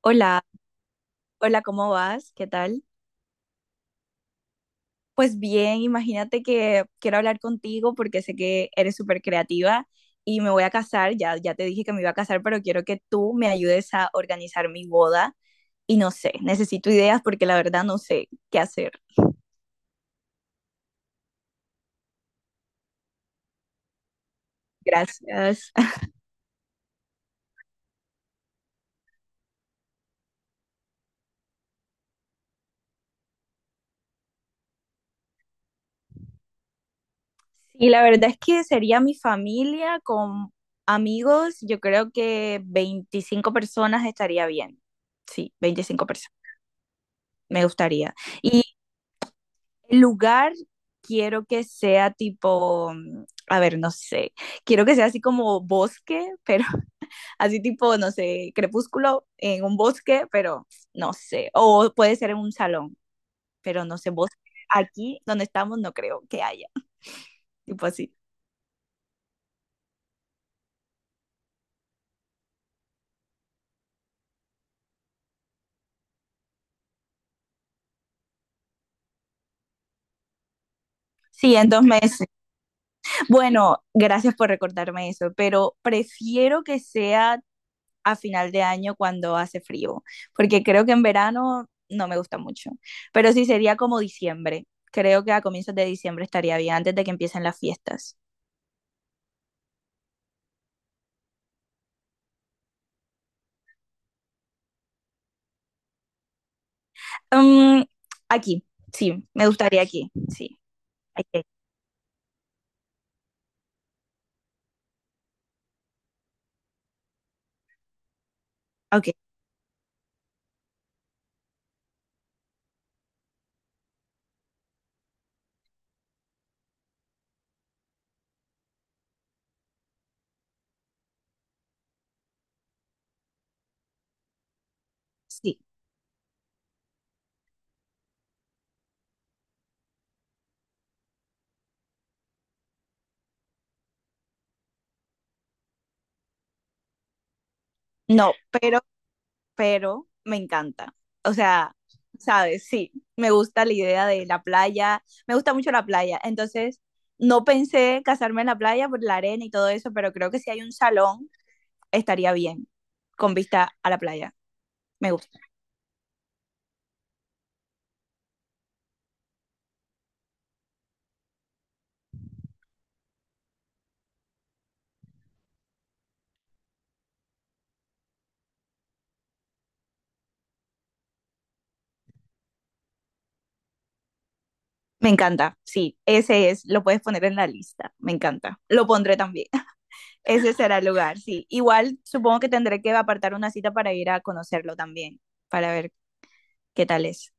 Hola, hola, ¿cómo vas? ¿Qué tal? Pues bien, imagínate que quiero hablar contigo porque sé que eres súper creativa y me voy a casar, ya, ya te dije que me iba a casar, pero quiero que tú me ayudes a organizar mi boda y no sé, necesito ideas porque la verdad no sé qué hacer. Gracias. Y la verdad es que sería mi familia con amigos, yo creo que 25 personas estaría bien. Sí, 25 personas, me gustaría. El lugar quiero que sea tipo, a ver, no sé, quiero que sea así como bosque, pero así tipo, no sé, crepúsculo en un bosque, pero no sé, o puede ser en un salón, pero no sé, bosque. Aquí donde estamos no creo que haya, tipo así. Sí, en dos meses. Bueno, gracias por recordarme eso, pero prefiero que sea a final de año cuando hace frío, porque creo que en verano no me gusta mucho, pero sí sería como diciembre. Creo que a comienzos de diciembre estaría bien, antes de que empiecen las fiestas. Um, aquí, sí, me gustaría aquí, sí. Okay, ok, sí. No, pero me encanta. O sea, ¿sabes? Sí, me gusta la idea de la playa, me gusta mucho la playa, entonces no pensé casarme en la playa por la arena y todo eso, pero creo que si hay un salón estaría bien con vista a la playa. Me gusta. Me encanta. Sí, ese es. Lo puedes poner en la lista. Me encanta. Lo pondré también. Ese será el lugar, sí. Igual supongo que tendré que apartar una cita para ir a conocerlo también, para ver qué tal es.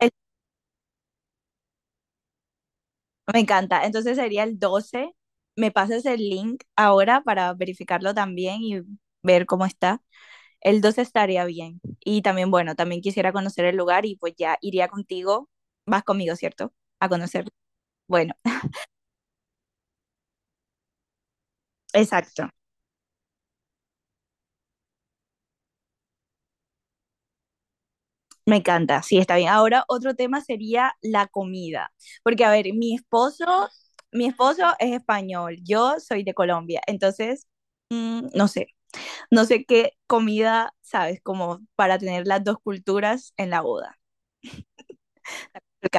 El- me encanta. Entonces sería el 12. Me pasas el link ahora para verificarlo también y ver cómo está. El 12 estaría bien. Y también, bueno, también quisiera conocer el lugar y pues ya iría contigo. Vas conmigo, ¿cierto? A conocerlo. Bueno, exacto, me encanta, sí, está bien. Ahora otro tema sería la comida, porque a ver, mi esposo es español, yo soy de Colombia, entonces, mm, no sé, no sé qué comida, sabes, como para tener las dos culturas en la boda. Porque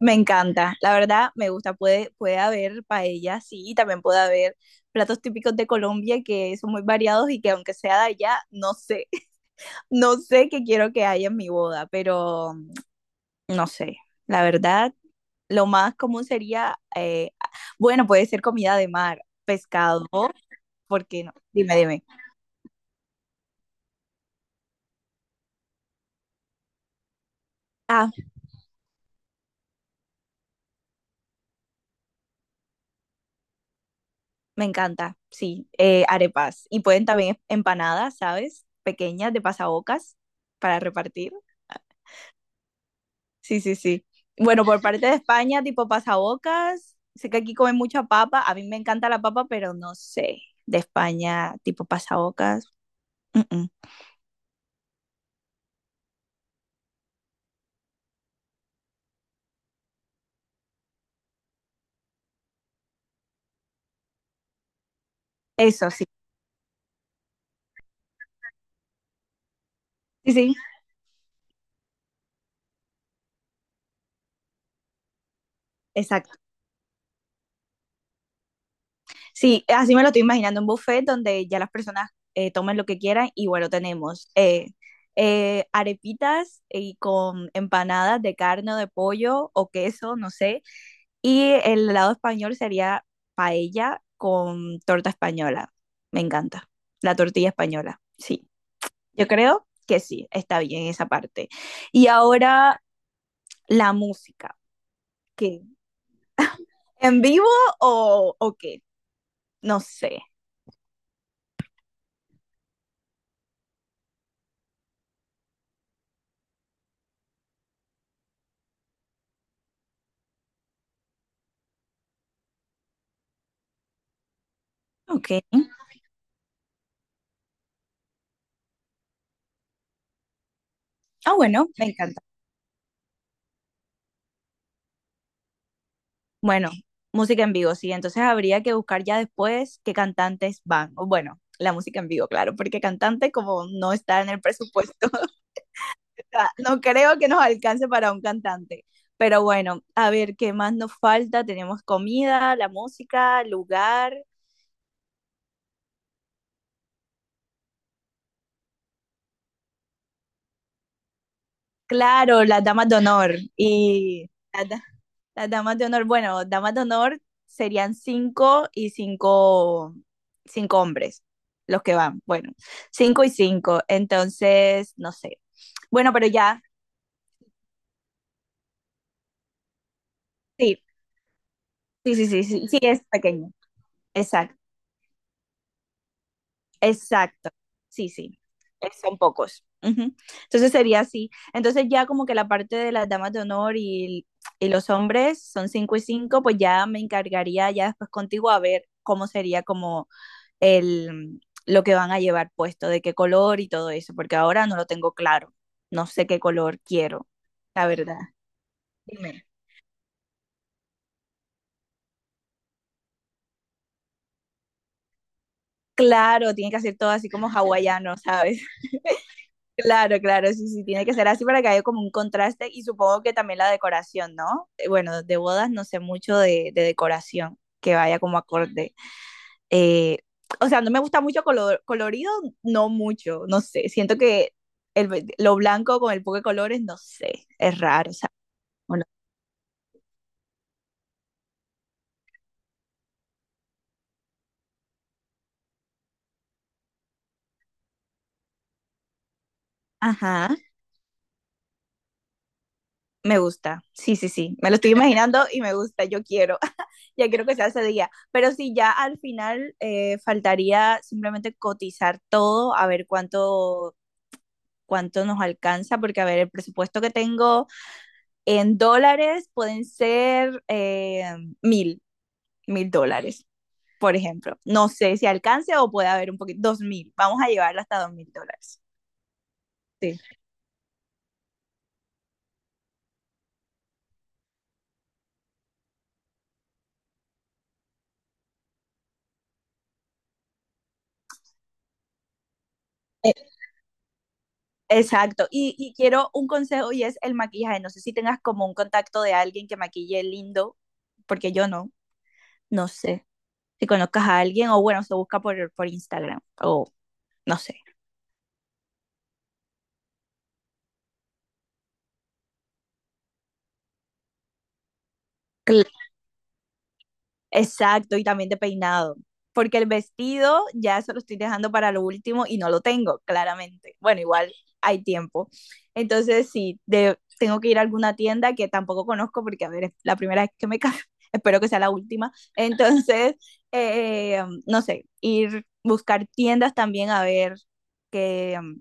me encanta, la verdad, me gusta, puede, puede haber paella, sí, y también puede haber platos típicos de Colombia que son muy variados y que aunque sea de allá, no sé, no sé qué quiero que haya en mi boda, pero no sé, la verdad, lo más común sería, bueno, puede ser comida de mar, pescado, ¿porque no? Dime, dime. Ah, me encanta, sí, arepas. Y pueden también empanadas, ¿sabes? Pequeñas de pasabocas para repartir. Sí, sí, sí. Bueno, por parte de España, tipo pasabocas, sé que aquí comen mucha papa, a mí me encanta la papa, pero no sé, de España, tipo pasabocas. Mm, mm. Eso, sí, sí, sí, exacto. Sí, así me lo estoy imaginando, un buffet donde ya las personas tomen lo que quieran y bueno, tenemos arepitas y con empanadas de carne o de pollo o queso, no sé, y el lado español sería paella con torta española. Me encanta, la tortilla española, sí, yo creo que sí, está bien esa parte. Y ahora la música, ¿qué? ¿En vivo o qué? No sé, ok. Ah, bueno, me encanta. Bueno, música en vivo, sí. Entonces habría que buscar ya después qué cantantes van. O bueno, la música en vivo, claro, porque cantante como no está en el presupuesto, o sea, no creo que nos alcance para un cantante. Pero bueno, a ver, ¿qué más nos falta? Tenemos comida, la música, lugar, claro, las damas de honor y... Las damas de honor, bueno, damas de honor serían cinco y cinco, cinco hombres los que van. Bueno, cinco y cinco. Entonces, no sé. Bueno, pero ya, sí, sí, sí, sí, sí, sí es pequeño. Exacto, exacto. Sí, sí. Son pocos. Ujú. Entonces sería así. Entonces ya como que la parte de las damas de honor y los hombres son cinco y cinco, pues ya me encargaría ya después contigo a ver cómo sería como el, lo que van a llevar puesto, de qué color y todo eso, porque ahora no lo tengo claro. No sé qué color quiero, la verdad. Dime. Claro, tiene que hacer todo así como hawaiano, ¿sabes? Claro, claro, sí, sí, tiene que ser así para que haya como un contraste y supongo que también la decoración, ¿no? Bueno, de bodas no sé mucho de decoración, que vaya como acorde. Eh, o sea, no me gusta mucho color, colorido, no mucho, no sé, siento que el, lo blanco con el poco de colores, no sé, es raro. Hola. Ajá, me gusta. Sí, sí, sí. Me lo estoy imaginando y me gusta. Yo quiero. Ya quiero que sea ese día. Pero sí, ya al final faltaría simplemente cotizar todo, a ver cuánto, cuánto nos alcanza, porque a ver, el presupuesto que tengo en dólares pueden ser mil, $1000, por ejemplo. No sé si alcance o puede haber un poquito, dos mil. Vamos a llevarlo hasta $2000. Sí. Exacto, y quiero un consejo y es el maquillaje. No sé si tengas como un contacto de alguien que maquille lindo, porque yo no, no sé. Si conozcas a alguien o bueno, se busca por Instagram o no sé. Exacto, y también de peinado. Porque el vestido ya eso lo estoy dejando para lo último y no lo tengo, claramente. Bueno, igual hay tiempo. Entonces, sí, de- tengo que ir a alguna tienda que tampoco conozco porque, a ver, es la primera vez que me caso. Espero que sea la última. Entonces, no sé, ir buscar tiendas también a ver qué,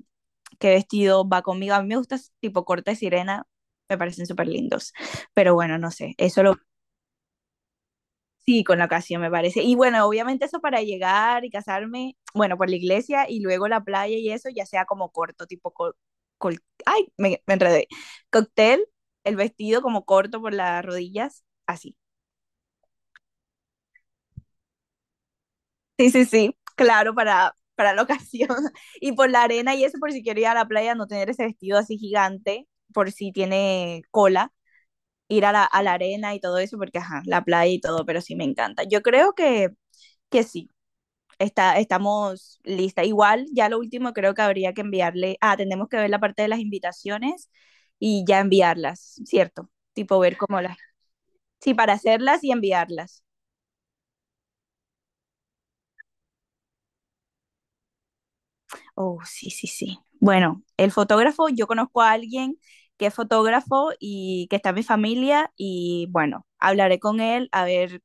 qué vestido va conmigo. A mí me gusta tipo corte sirena, me parecen súper lindos. Pero bueno, no sé, eso lo sí, con la ocasión me parece. Y bueno, obviamente eso para llegar y casarme, bueno, por la iglesia y luego la playa y eso, ya sea como corto, tipo, col- ay, me enredé. Cóctel, el vestido como corto por las rodillas, así. Sí, sí, sí, claro, para la ocasión. Y por la arena y eso, por si quiero ir a la playa, no tener ese vestido así gigante, por si tiene cola, ir a la arena y todo eso, porque ajá, la playa y todo, pero sí me encanta. Yo creo que sí. Está, estamos lista. Igual, ya lo último creo que habría que enviarle, ah, tenemos que ver la parte de las invitaciones y ya enviarlas, ¿cierto? Tipo ver cómo las, sí, para hacerlas y enviarlas. Oh, sí, sí, sí. Bueno, el fotógrafo, yo conozco a alguien que es fotógrafo y que está en mi familia y bueno, hablaré con él a ver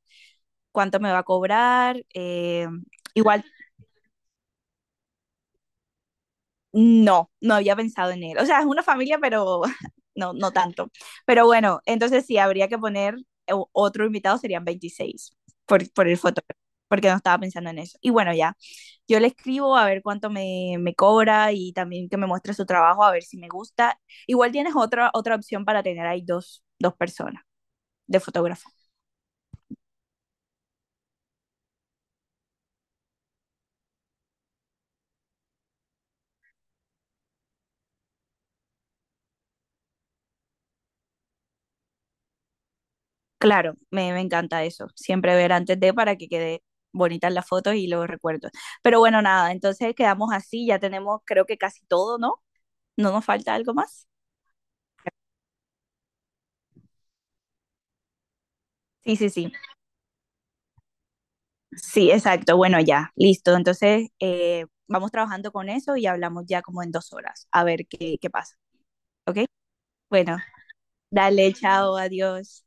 cuánto me va a cobrar. Igual no, no había pensado en él. O sea, es una familia, pero no, no tanto. Pero bueno, entonces sí, habría que poner otro invitado, serían 26 por el fotógrafo, porque no estaba pensando en eso. Y bueno, ya, yo le escribo a ver cuánto me, me cobra y también que me muestre su trabajo, a ver si me gusta. Igual tienes otra, otra opción para tener ahí dos, dos personas de fotógrafo. Claro, me encanta eso. Siempre ver antes de para que quede bonitas las fotos y los recuerdos. Pero bueno, nada, entonces quedamos así, ya tenemos creo que casi todo, ¿no? ¿No nos falta algo más? Sí, sí, sí. Sí, exacto. Bueno, ya, listo. Entonces, vamos trabajando con eso y hablamos ya como en 2 horas, a ver qué, qué pasa, ¿ok? Bueno, dale, chao, adiós.